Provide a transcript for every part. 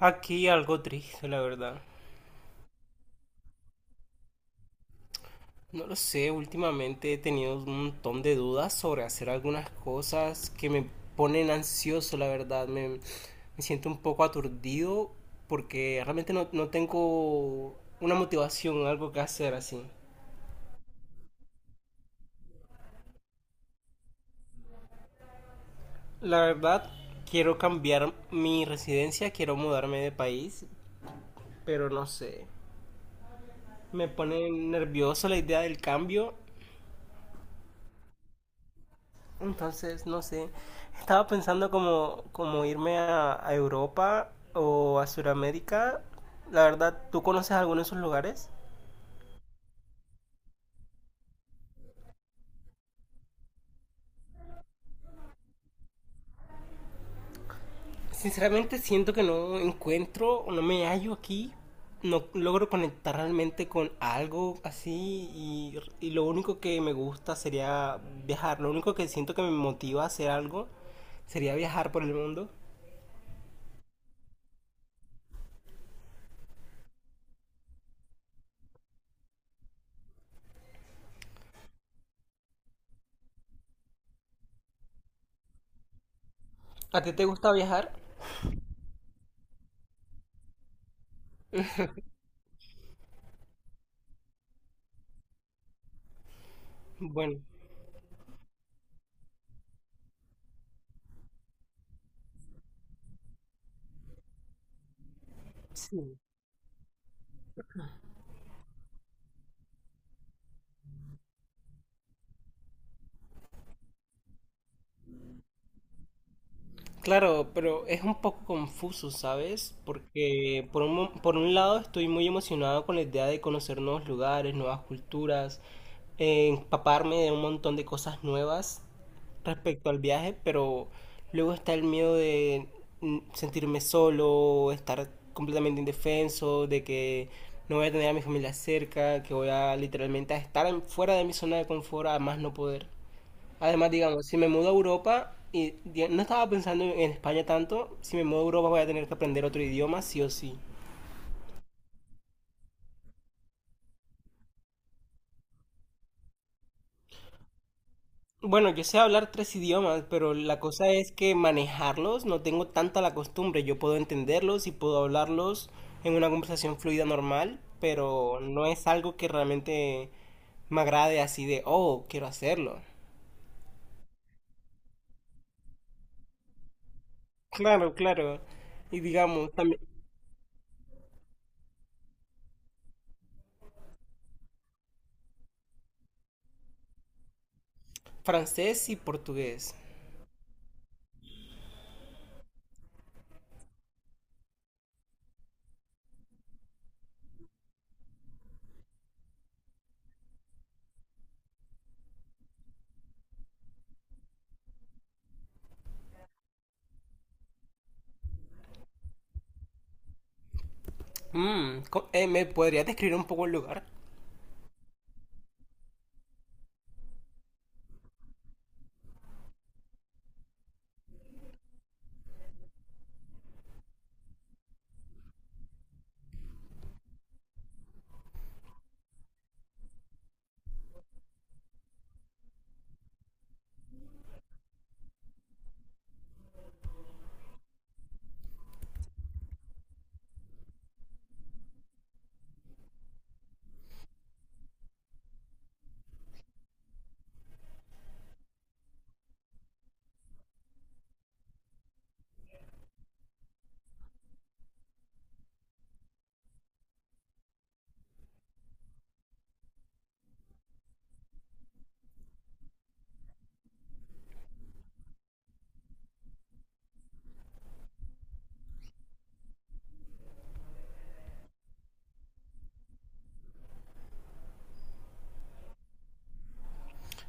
Aquí algo triste, la verdad. No lo sé, últimamente he tenido un montón de dudas sobre hacer algunas cosas que me ponen ansioso, la verdad. Me siento un poco aturdido porque realmente no tengo una motivación, algo que hacer así. La verdad, quiero cambiar mi residencia, quiero mudarme de país, pero no sé. Me pone nervioso la idea del cambio. Entonces, no sé, estaba pensando como irme a Europa o a Sudamérica. La verdad, ¿tú conoces alguno de esos lugares? Sinceramente siento que no encuentro o no me hallo aquí. No logro conectar realmente con algo así y lo único que me gusta sería viajar. Lo único que siento que me motiva a hacer algo sería viajar por el mundo. ¿A ti te gusta viajar? Bueno, sí. Claro, pero es un poco confuso, ¿sabes? Porque por un lado estoy muy emocionado con la idea de conocer nuevos lugares, nuevas culturas, empaparme de un montón de cosas nuevas respecto al viaje, pero luego está el miedo de sentirme solo, estar completamente indefenso, de que no voy a tener a mi familia cerca, que voy a literalmente a estar fuera de mi zona de confort a más no poder. Además, digamos, si me mudo a Europa, y no estaba pensando en España tanto, si me mudo a Europa voy a tener que aprender otro idioma, sí o sí. Bueno, yo sé hablar tres idiomas, pero la cosa es que manejarlos no tengo tanta la costumbre. Yo puedo entenderlos y puedo hablarlos en una conversación fluida normal, pero no es algo que realmente me agrade así de, oh, quiero hacerlo. Claro, claro. Y digamos, también francés y portugués. ¿Me podrías describir un poco el lugar?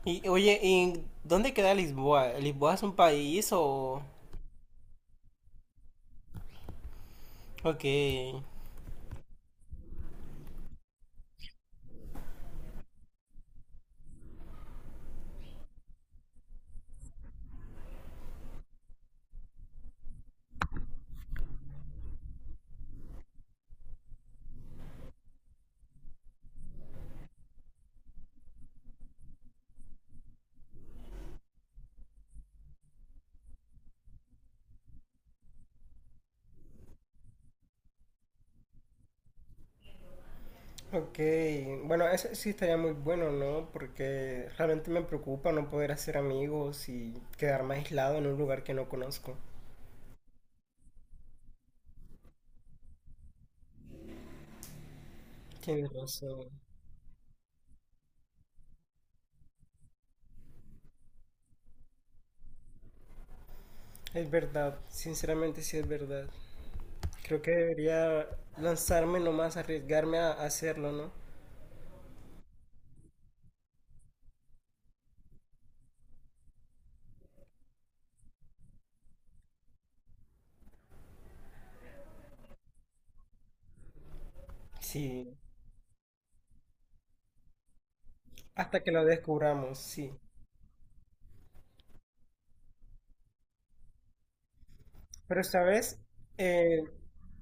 Y oye, ¿y dónde queda Lisboa? ¿Lisboa es un país o...? Ok. Ok, bueno, eso sí estaría muy bueno, ¿no? Porque realmente me preocupa no poder hacer amigos y quedarme aislado en un lugar que no conozco. Tienes razón. Es verdad, sinceramente sí es verdad. Creo que debería lanzarme nomás, arriesgarme a hacerlo, ¿no? Sí, hasta que lo descubramos, sí. Pero, ¿sabes? Eh,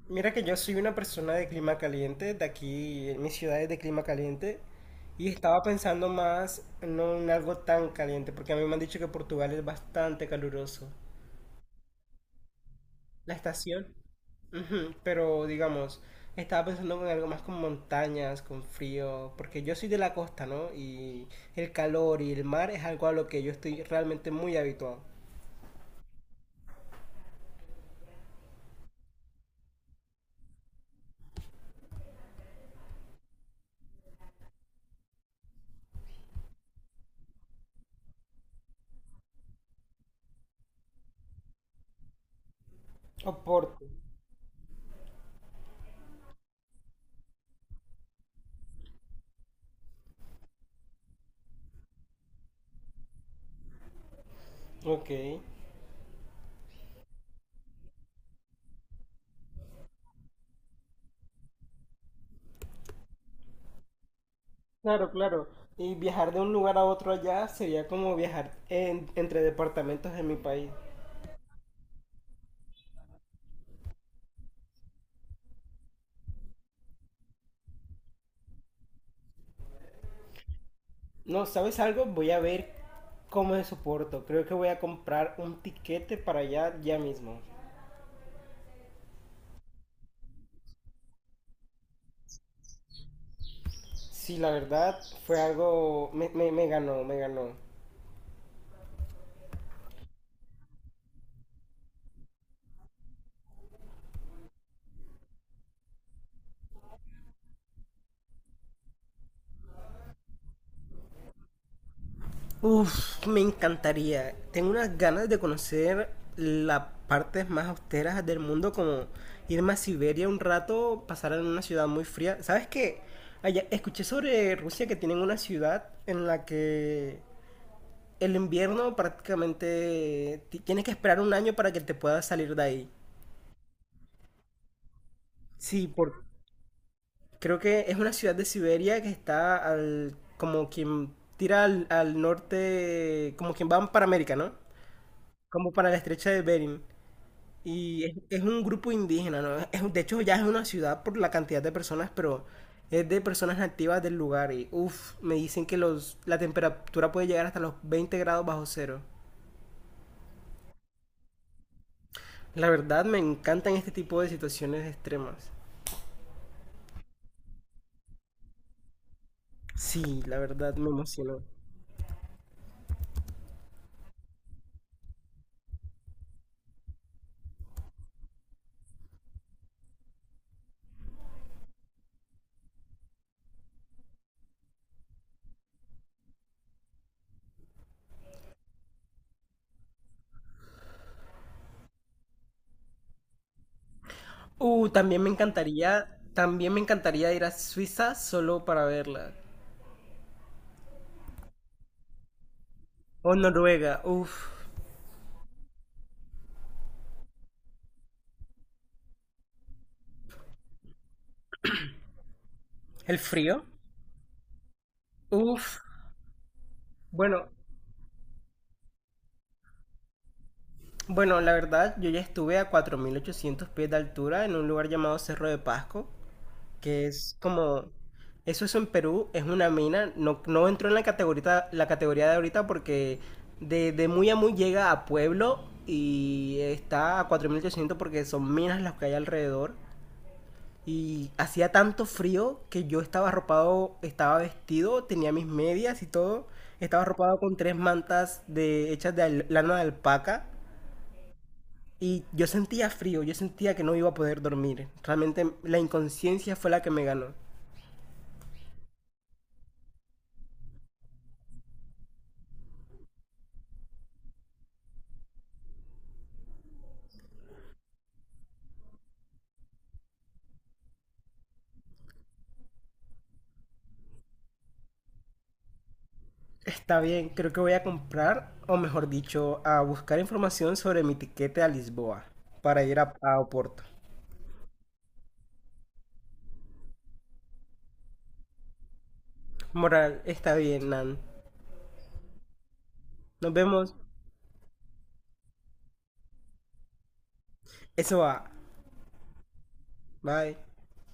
mira que yo soy una persona de clima caliente, de aquí, en mi ciudad es de clima caliente, y estaba pensando más no en algo tan caliente, porque a mí me han dicho que Portugal es bastante caluroso. La estación, ujú, pero digamos, estaba pensando en algo más con montañas, con frío, porque yo soy de la costa, ¿no? Y el calor y el mar es algo a lo que yo estoy realmente muy habituado. Oporto, ok. Claro, claro. Y viajar de un lugar a otro allá sería como viajar entre departamentos en mi país. No, ¿sabes algo? Voy a ver cómo me soporto. Creo que voy a comprar un tiquete para allá ya mismo. Sí, la verdad fue algo... Me ganó, me ganó. Uf, me encantaría. Tengo unas ganas de conocer las partes más austeras del mundo, como irme a Siberia un rato, pasar en una ciudad muy fría. ¿Sabes qué? Allá, escuché sobre Rusia que tienen una ciudad en la que el invierno prácticamente tienes que esperar 1 año para que te puedas salir de ahí. Sí, por... creo que es una ciudad de Siberia que está al... como quien tira al norte, como quien va para América, ¿no? Como para la estrecha de Bering. Y es un grupo indígena, ¿no? De hecho, ya es una ciudad por la cantidad de personas, pero es de personas nativas del lugar. Y uff, me dicen que la temperatura puede llegar hasta los 20 grados bajo cero. La verdad, me encantan este tipo de situaciones extremas. Sí, la verdad, me emocionó. También me encantaría ir a Suiza solo para verla. O Noruega, uff. ¿El frío? Uff, bueno, Bueno, la verdad, yo ya estuve a 4.800 pies de altura en un lugar llamado Cerro de Pasco, que es como... Eso es en Perú, es una mina, no entró en la categoría de ahorita porque de muy a muy llega a pueblo y está a 4.800 porque son minas las que hay alrededor. Y hacía tanto frío que yo estaba arropado, estaba vestido, tenía mis medias y todo. Estaba arropado con tres mantas hechas de lana de alpaca y yo sentía frío, yo sentía que no iba a poder dormir. Realmente la inconsciencia fue la que me ganó. Está bien, creo que voy a comprar, o mejor dicho, a buscar información sobre mi tiquete a Lisboa para ir a Oporto. Moral, está bien, Nan. Nos vemos. Eso va. Bye.